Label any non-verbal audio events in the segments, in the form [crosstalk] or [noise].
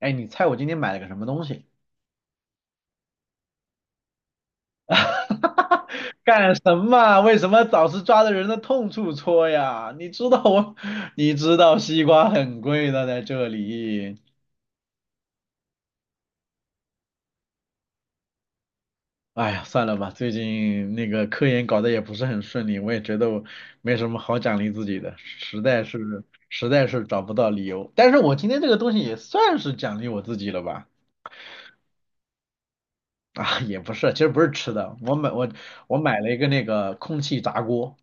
哎，你猜我今天买了个什么东西？[laughs] 干什么？为什么早是抓着人的痛处戳呀？你知道西瓜很贵的，在这里。哎呀，算了吧，最近那个科研搞得也不是很顺利，我也觉得我没什么好奖励自己的，实在是找不到理由。但是我今天这个东西也算是奖励我自己了吧？[laughs] 啊，也不是，其实不是吃的，我买了一个那个空气炸锅。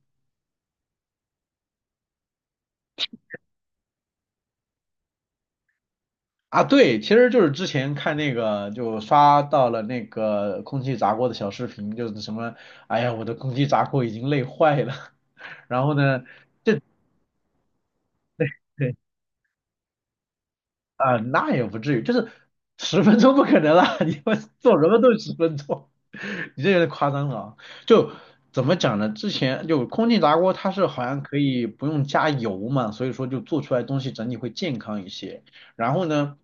啊，对，其实就是之前看那个，就刷到了那个空气炸锅的小视频，就是什么，哎呀，我的空气炸锅已经累坏了。[laughs] 然后呢，对。啊、那也不至于，就是十分钟不可能啦，[laughs] 你们做什么都10分钟，[laughs] 你这有点夸张了啊。就怎么讲呢？之前就空气炸锅，它是好像可以不用加油嘛，所以说就做出来的东西整体会健康一些。然后呢，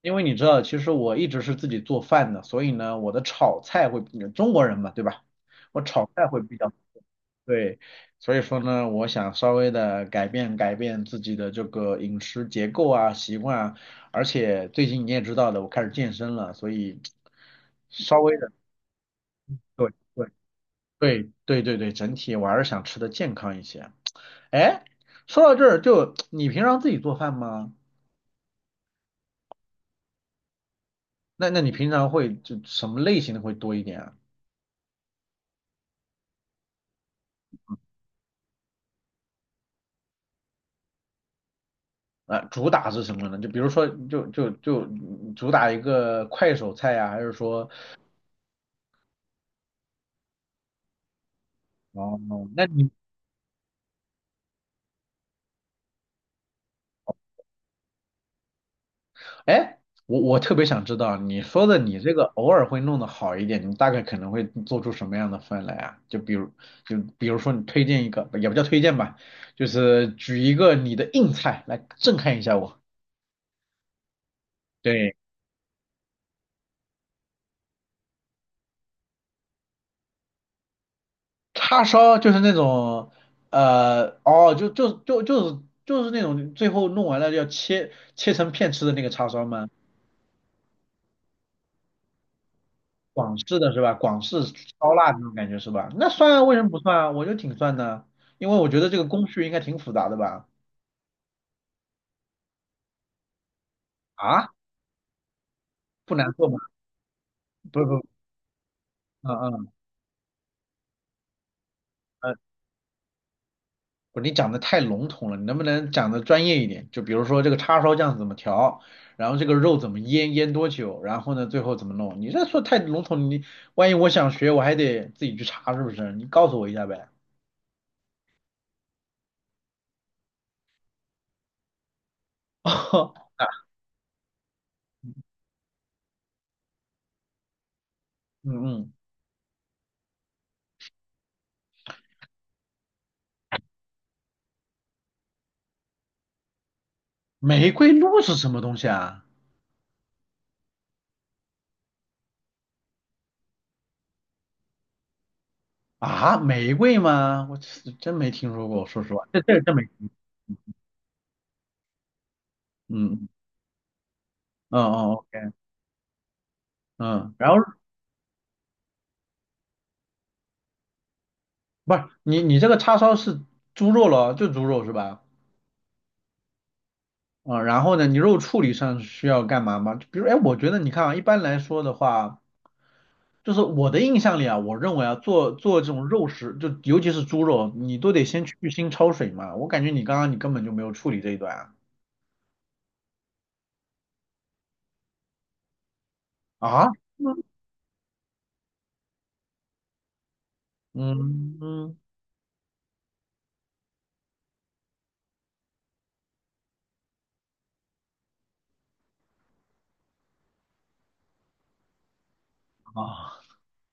因为你知道，其实我一直是自己做饭的，所以呢，我的炒菜会，中国人嘛，对吧？我炒菜会比较。对，所以说呢，我想稍微的改变改变自己的这个饮食结构啊、习惯啊，而且最近你也知道的，我开始健身了，所以稍微的，对对对对对对，整体我还是想吃的健康一些。哎，说到这儿，就你平常自己做饭吗？那你平常会就什么类型的会多一点啊？啊，主打是什么呢？就比如说，就主打一个快手菜呀、还是说，哦，那你？哎，我特别想知道，你说的你这个偶尔会弄得好一点，你大概可能会做出什么样的饭来啊？就比如，就比如说你推荐一个，也不叫推荐吧，就是举一个你的硬菜来震撼一下我。对，叉烧就是那种，哦，就是那种最后弄完了要切成片吃的那个叉烧吗？广式的是吧？广式烧腊那种感觉是吧？那算啊，为什么不算啊？我觉得挺算的啊，因为我觉得这个工序应该挺复杂的吧。啊，不难做吗？不不，嗯嗯嗯，不，你讲的太笼统了，你能不能讲的专业一点？就比如说这个叉烧酱怎么调，然后这个肉怎么腌，腌多久，然后呢最后怎么弄？你这说太笼统，你万一我想学，我还得自己去查，是不是？你告诉我一下呗。[laughs] 哦，嗯嗯，玫瑰露是什么东西啊？啊，玫瑰吗？我这真没听说过，说实话，这真没，嗯嗯嗯，OK，嗯，然后不是你这个叉烧是猪肉咯，就猪肉是吧？啊、然后呢，你肉处理上需要干嘛吗？比如，哎，我觉得你看啊，一般来说的话，就是我的印象里啊，我认为啊，做做这种肉食，就尤其是猪肉，你都得先去腥焯水嘛。我感觉你刚刚你根本就没有处理这一段啊。啊，嗯嗯嗯啊，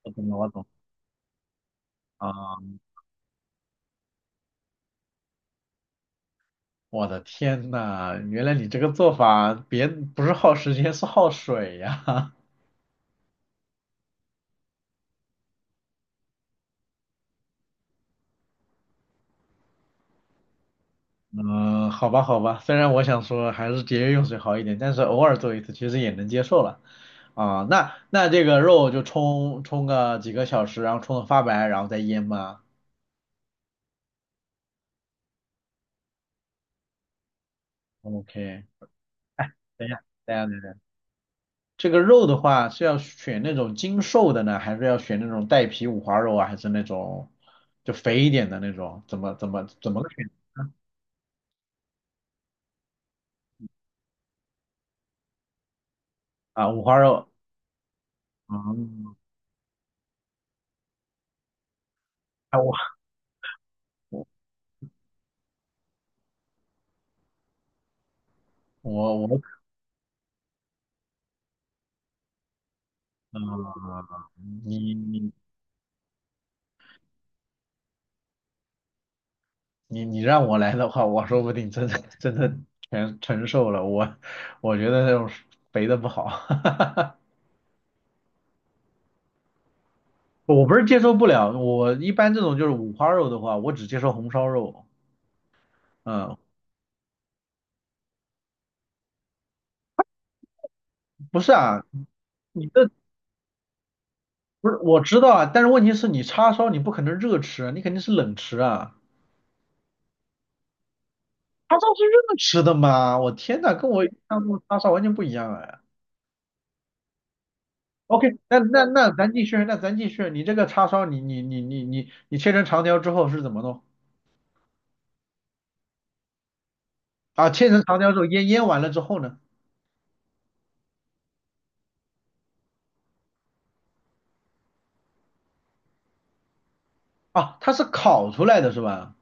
我懂了，我懂啊。我的天呐，原来你这个做法别不是耗时间，是耗水呀、嗯，好吧，好吧，虽然我想说还是节约用水好一点，但是偶尔做一次其实也能接受了。啊，那这个肉就冲个几个小时，然后冲的发白，然后再腌吗？OK，等一下，等一下，等一下，这个肉的话是要选那种精瘦的呢，还是要选那种带皮五花肉啊，还是那种就肥一点的那种？怎么个选呢？啊，五花肉，嗯，哎我我我，我嗯，你让我来的话，我说不定真的真的全承受了。我觉得那种肥的不好，[laughs] 我不是接受不了。我一般这种就是五花肉的话，我只接受红烧肉。嗯，不是啊，你这不是我知道啊，但是问题是你叉烧你不可能热吃啊，你肯定是冷吃啊。叉烧是热吃的吗？我天呐，跟我印象中的叉烧完全不一样哎。OK，那咱继续，那咱继续。你这个叉烧你切成长条之后是怎么弄？啊，切成长条之后腌完了之后呢？啊，它是烤出来的是吧？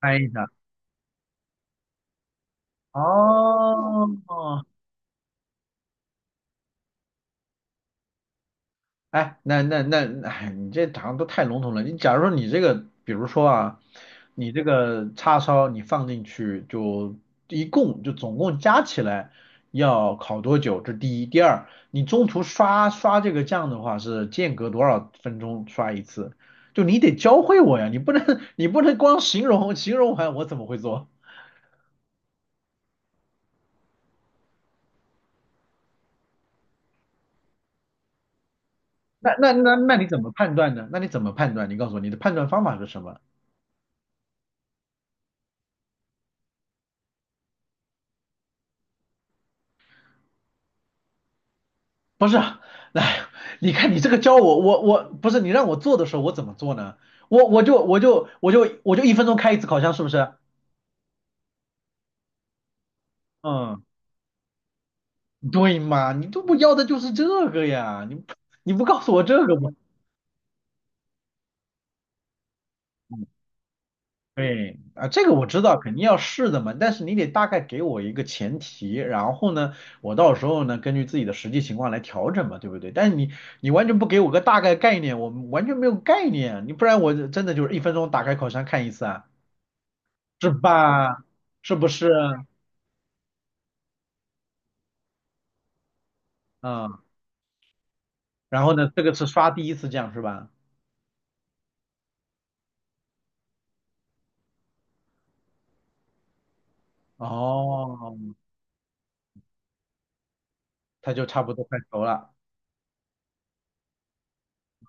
啊，译一下。哦，哎，那，哎，你这好像都太笼统了。你假如说你这个，比如说啊，你这个叉烧你放进去就一共就总共加起来要烤多久？这第一，第二，你中途刷这个酱的话是间隔多少分钟刷一次？就你得教会我呀，你不能 [laughs] 你不能光形容形容完我怎么会做？那你怎么判断呢？那你怎么判断？你告诉我你的判断方法是什么？不是啊，来，你看你这个教我，我不是你让我做的时候我怎么做呢？我就一分钟开一次烤箱，是不是？嗯，对嘛，你都不要的就是这个呀，你不告诉我这个吗？对啊，这个我知道，肯定要试的嘛，但是你得大概给我一个前提，然后呢，我到时候呢根据自己的实际情况来调整嘛，对不对？但是你完全不给我个大概概念，我完全没有概念，你不然我真的就是一分钟打开烤箱看一次啊，是吧？是不是？嗯，然后呢，这个是刷第一次酱是吧？哦，它就差不多快熟了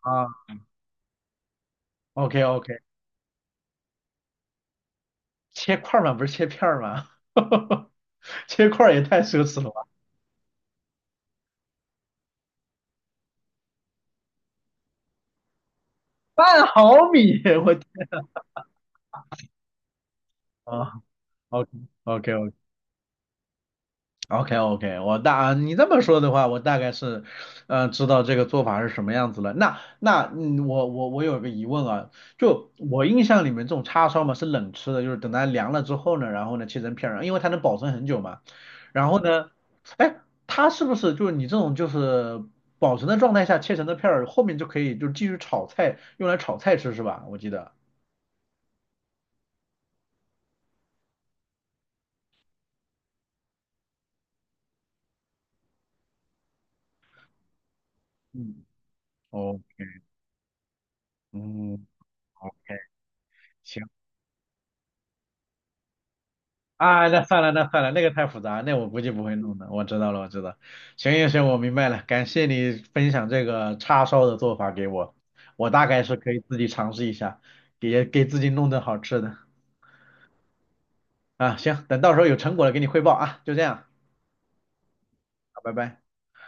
啊。OK OK，切块儿嘛，不是切片儿嘛，[laughs] 切块儿也太奢侈了。半毫米，我啊，OK OK OK OK OK，我大你这么说的话，我大概是，知道这个做法是什么样子了。那，我有个疑问啊，就我印象里面这种叉烧嘛是冷吃的，就是等它凉了之后呢，然后呢切成片儿，因为它能保存很久嘛。然后呢，哎，它是不是就是你这种就是保存的状态下切成的片儿，后面就可以就继续炒菜，用来炒菜吃是吧？我记得，嗯，OK，嗯，好，行。啊，那算了，那算了，那个太复杂，那我估计不会弄的。我知道了，我知道。行行行，我明白了，感谢你分享这个叉烧的做法给我，我大概是可以自己尝试一下，给自己弄顿好吃的。啊，行，等到时候有成果了给你汇报啊，就这样，好拜拜。